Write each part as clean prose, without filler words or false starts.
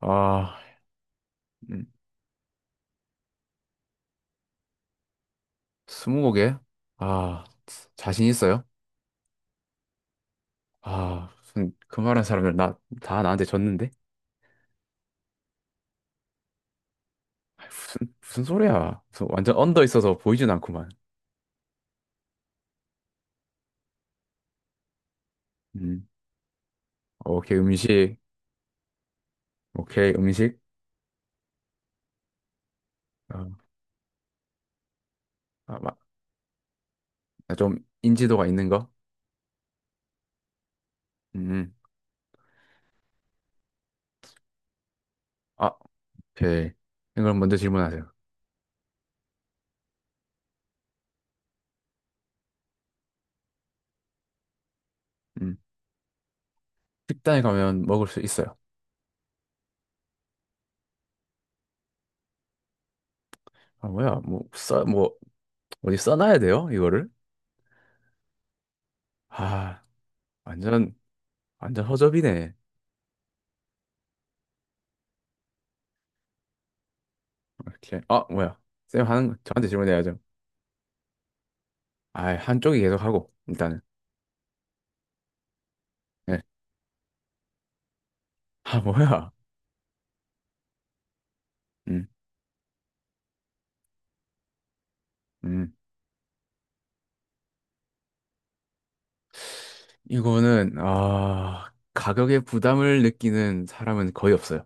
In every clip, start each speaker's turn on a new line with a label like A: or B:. A: 아, 음, 스무고개? 아, 자신 있어요? 아, 무슨 말한 사람들 나, 다 나한테 졌는데? 아이, 무슨 소리야. 무슨 완전 언더 있어서 보이진 않구만. 음, 오케이, 음식. 오케이, 음식. 어, 아, 아, 좀 인지도가 있는 거? 음, 음. 아, 오케이. 이걸 먼저 질문하세요. 음, 식당에 가면 먹을 수 있어요. 아, 뭐야, 뭐, 어디 써놔야 돼요? 이거를? 아, 완전, 완전 허접이네. 이렇게 아 뭐야. 쌤 하는 거 저한테 질문해야죠. 아 한쪽이 계속 하고 일단은. 네. 아 뭐야. 음, 음. 이거는 아 가격에 부담을 느끼는 사람은 거의 없어요.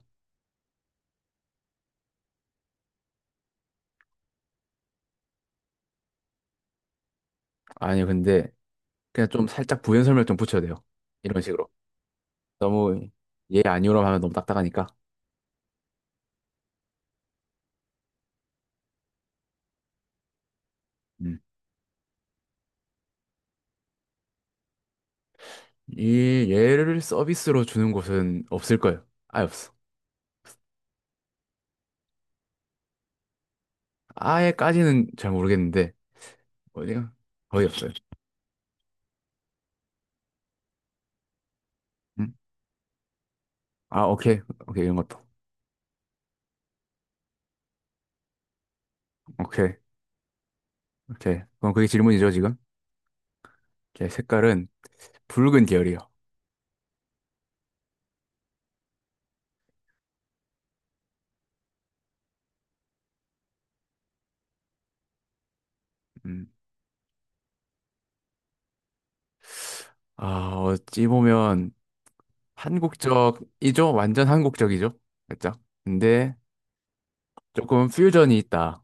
A: 아니 근데 그냥 좀 살짝 부연 설명 좀 붙여야 돼요. 이런 식으로 너무 예 아니오라고 하면 너무 딱딱하니까. 음. 이 얘를 서비스로 주는 곳은 없을 거예요. 아예 없어. 아예까지는 잘 모르겠는데. 어디가 거의 없어요. 음? 아 오케이. 오케이 이런 것도. 오케이. 오케이. 그럼 그게 질문이죠, 지금? 오케이. 색깔은 붉은 계열이요. 음. 아, 어찌 보면 한국적이죠? 완전 한국적이죠? 살짝. 근데 조금 퓨전이 있다.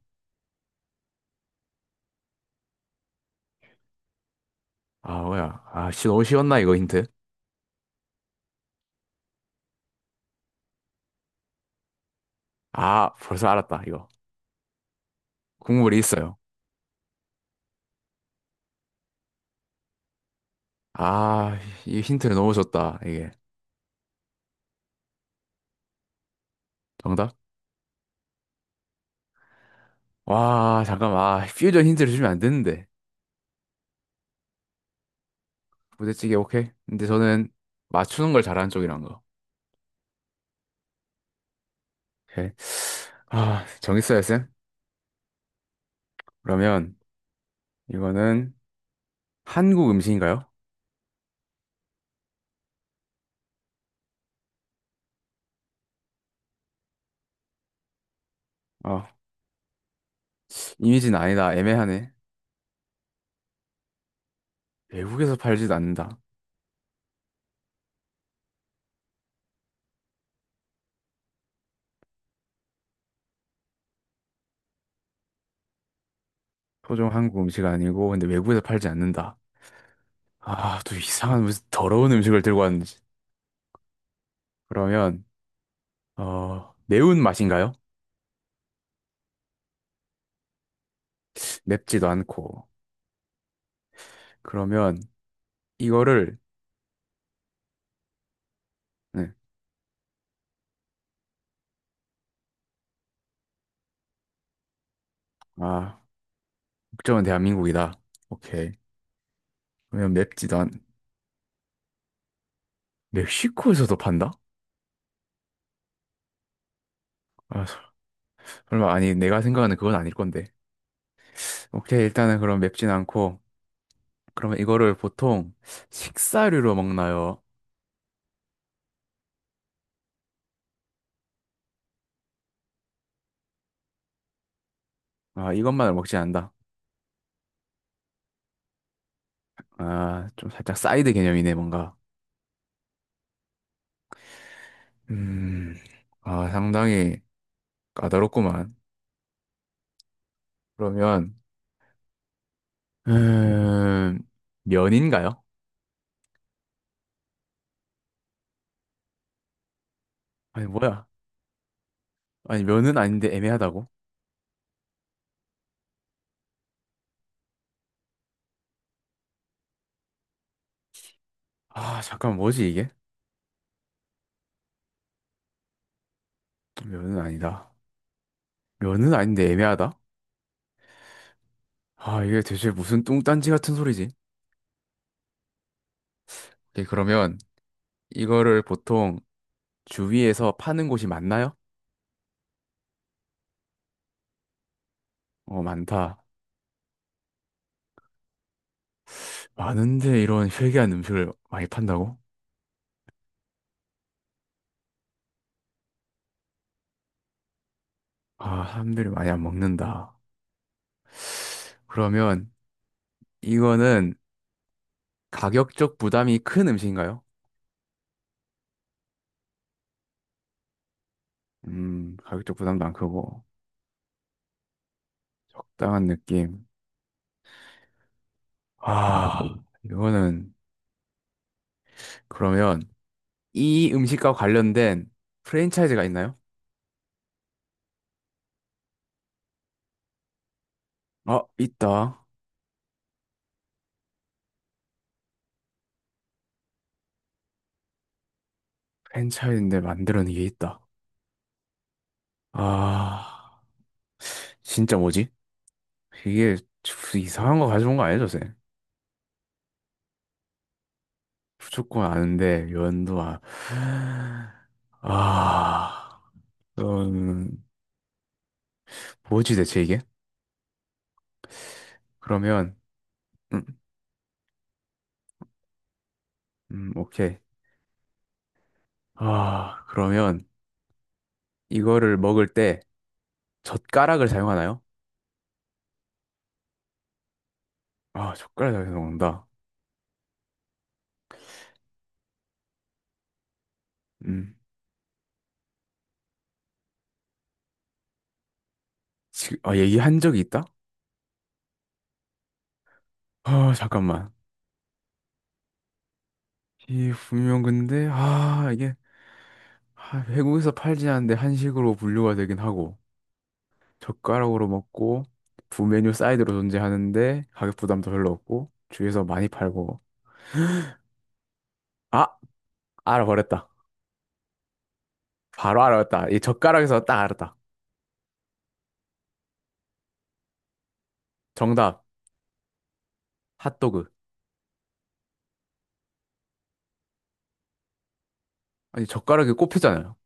A: 아, 뭐야. 아, 씨, 너무 쉬웠나, 이거 힌트? 아, 벌써 알았다, 이거. 국물이 있어요. 아, 이 힌트를 너무 줬다, 이게. 정답? 와, 잠깐만. 아, 퓨전 힌트를 주면 안 되는데. 부대찌개, 오케이. 근데 저는 맞추는 걸 잘하는 쪽이란 거. 오케이. 아, 정했어요, 쌤? 그러면. 이거는 한국 음식인가요? 아, 이미지는 아니다. 애매하네. 외국에서 팔지도 않는다. 토종 한국 음식 아니고, 근데 외국에서 팔지 않는다. 아, 또 이상한 무슨 더러운 음식을 들고 왔는지. 그러면, 어, 매운 맛인가요? 맵지도 않고. 그러면, 이거를, 네. 아, 국적은 대한민국이다. 오케이. 그러면 맵지도 않, 멕시코에서도 판다? 아, 설마, 아니, 내가 생각하는 그건 아닐 건데. 오케이, 일단은 그럼 맵진 않고, 그러면 이거를 보통 식사류로 먹나요? 아, 이것만을 먹지 않는다. 아, 좀 살짝 사이드 개념이네, 뭔가. 음, 아, 상당히 까다롭구만. 그러면, 음, 면인가요? 아니, 뭐야. 아니, 면은 아닌데 애매하다고? 아, 잠깐, 뭐지, 이게? 면은 아니다. 면은 아닌데 애매하다? 아, 이게 대체 무슨 뚱딴지 같은 소리지? 오케이, 그러면 이거를 보통 주위에서 파는 곳이 많나요? 어, 많다. 많은데 이런 회개한 음식을 많이 판다고? 아, 사람들이 많이 안 먹는다. 그러면 이거는 가격적 부담이 큰 음식인가요? 가격적 부담도 안 크고 적당한 느낌. 아, 이거는 그러면 이 음식과 관련된 프랜차이즈가 있나요? 아, 있다. 프랜차이즈인데 만드는 게 있다. 아, 진짜 뭐지? 이게 이상한 거 가져온 거 아니죠, 쌤? 무조건 아는데 연도아. 아 그럼 뭐지 대체 이게? 그러면 음, 오케이. 아 그러면 이거를 먹을 때 젓가락을 사용하나요? 아 젓가락을 사용한다. 음 지금 아 얘기한 적이 있다? 아 잠깐만. 이 분명 근데 아 이게 아, 외국에서 팔지 않는데 한식으로 분류가 되긴 하고 젓가락으로 먹고 부 메뉴 사이드로 존재하는데 가격 부담도 별로 없고 주위에서 많이 팔고. 아 알아버렸다. 바로 알아버렸다. 이 젓가락에서 딱 알았다. 정답. 핫도그. 아니 젓가락이 꼽혔잖아요.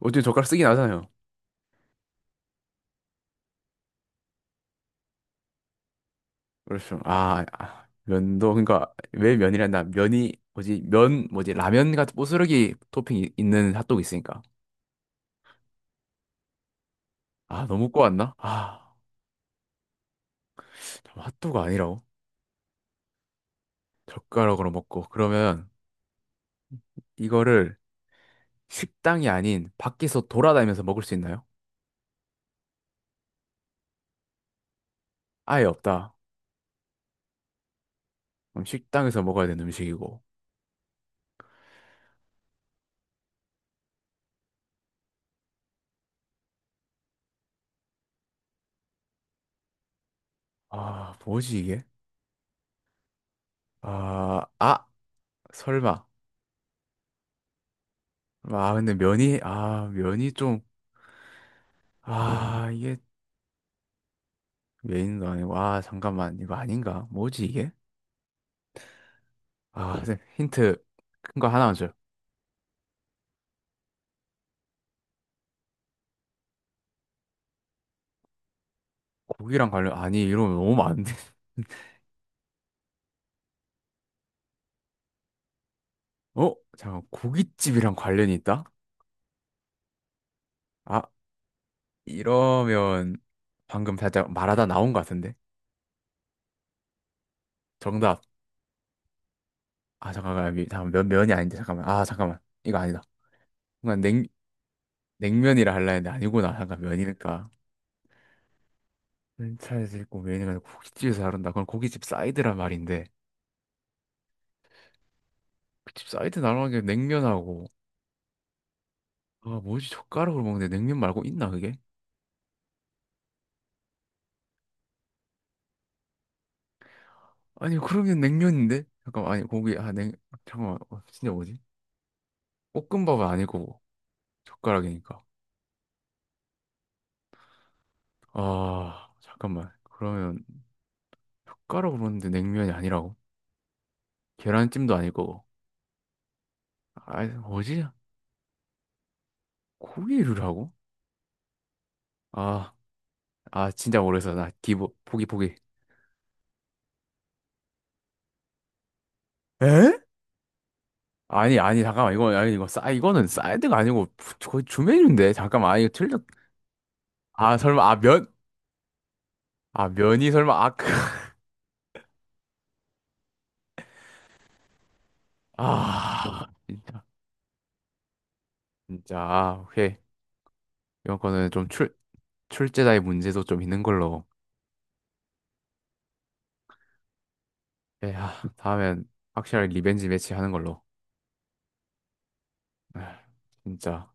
A: 어차피 젓가락 쓰긴 하잖아요. 그렇죠. 면도. 그러니까 왜 면이란다. 면이 뭐지. 라면 같은 부스러기 토핑 있는 핫도그 있으니까. 아 너무 꼬았나. 아 참, 핫도그 아니라고. 젓가락으로 먹고 그러면 이거를 식당이 아닌 밖에서 돌아다니면서 먹을 수 있나요? 아예 없다. 그럼 식당에서 먹어야 되는 음식이고. 아, 뭐지 이게? 아, 아, 설마. 면이 좀, 아, 이게 메인도 아니고, 아, 잠깐만, 이거 아닌가? 뭐지 이게? 아, 선생님, 힌트 큰 거 하나만 줘요. 고기랑 관련, 아니, 이러면 너무 많은데. 어? 잠깐, 고깃집이랑 관련이 있다? 아, 이러면 방금 살짝 말하다 나온 것 같은데? 정답. 아 잠깐만 여기 잠깐 면 면이 아닌데 잠깐만 아 잠깐만. 이거 아니다. 뭔가 냉 냉면이라 할라 했는데 아니구나. 잠깐 면이니까 차에서 있고 면이니까 고깃집에서 나른다. 그건 고깃집 사이드란 말인데 고깃집 사이드 나르는 게 냉면하고. 아 뭐지 젓가락으로 먹는데 냉면 말고 있나 그게. 아니 그러면 냉면인데 잠깐만 아니 고기 아 냉 잠깐만. 어, 진짜 뭐지. 볶음밥은 아니고 젓가락이니까. 아 잠깐만 그러면 젓가락으로 먹는데 냉면이 아니라고. 계란찜도 아닐 거고 아 뭐지. 고기류라고. 아, 아, 진짜 모르겠어. 나 기보, 포기, 포기. 에? 아니, 아니, 잠깐만. 이건, 아니, 이거는 사이드가 아니고, 거의 주메뉴인데. 잠깐만. 아, 이거 틀렸. 아, 설마, 아, 면? 아, 면이 설마, 아, 크. 아, 진짜. 진짜. 아, 오케이. 이번 거는 좀 출, 출제자의 문제도 좀 있는 걸로. 예, 아, 다음엔 확실하게 리벤지 매치 하는 걸로. 아, 진짜.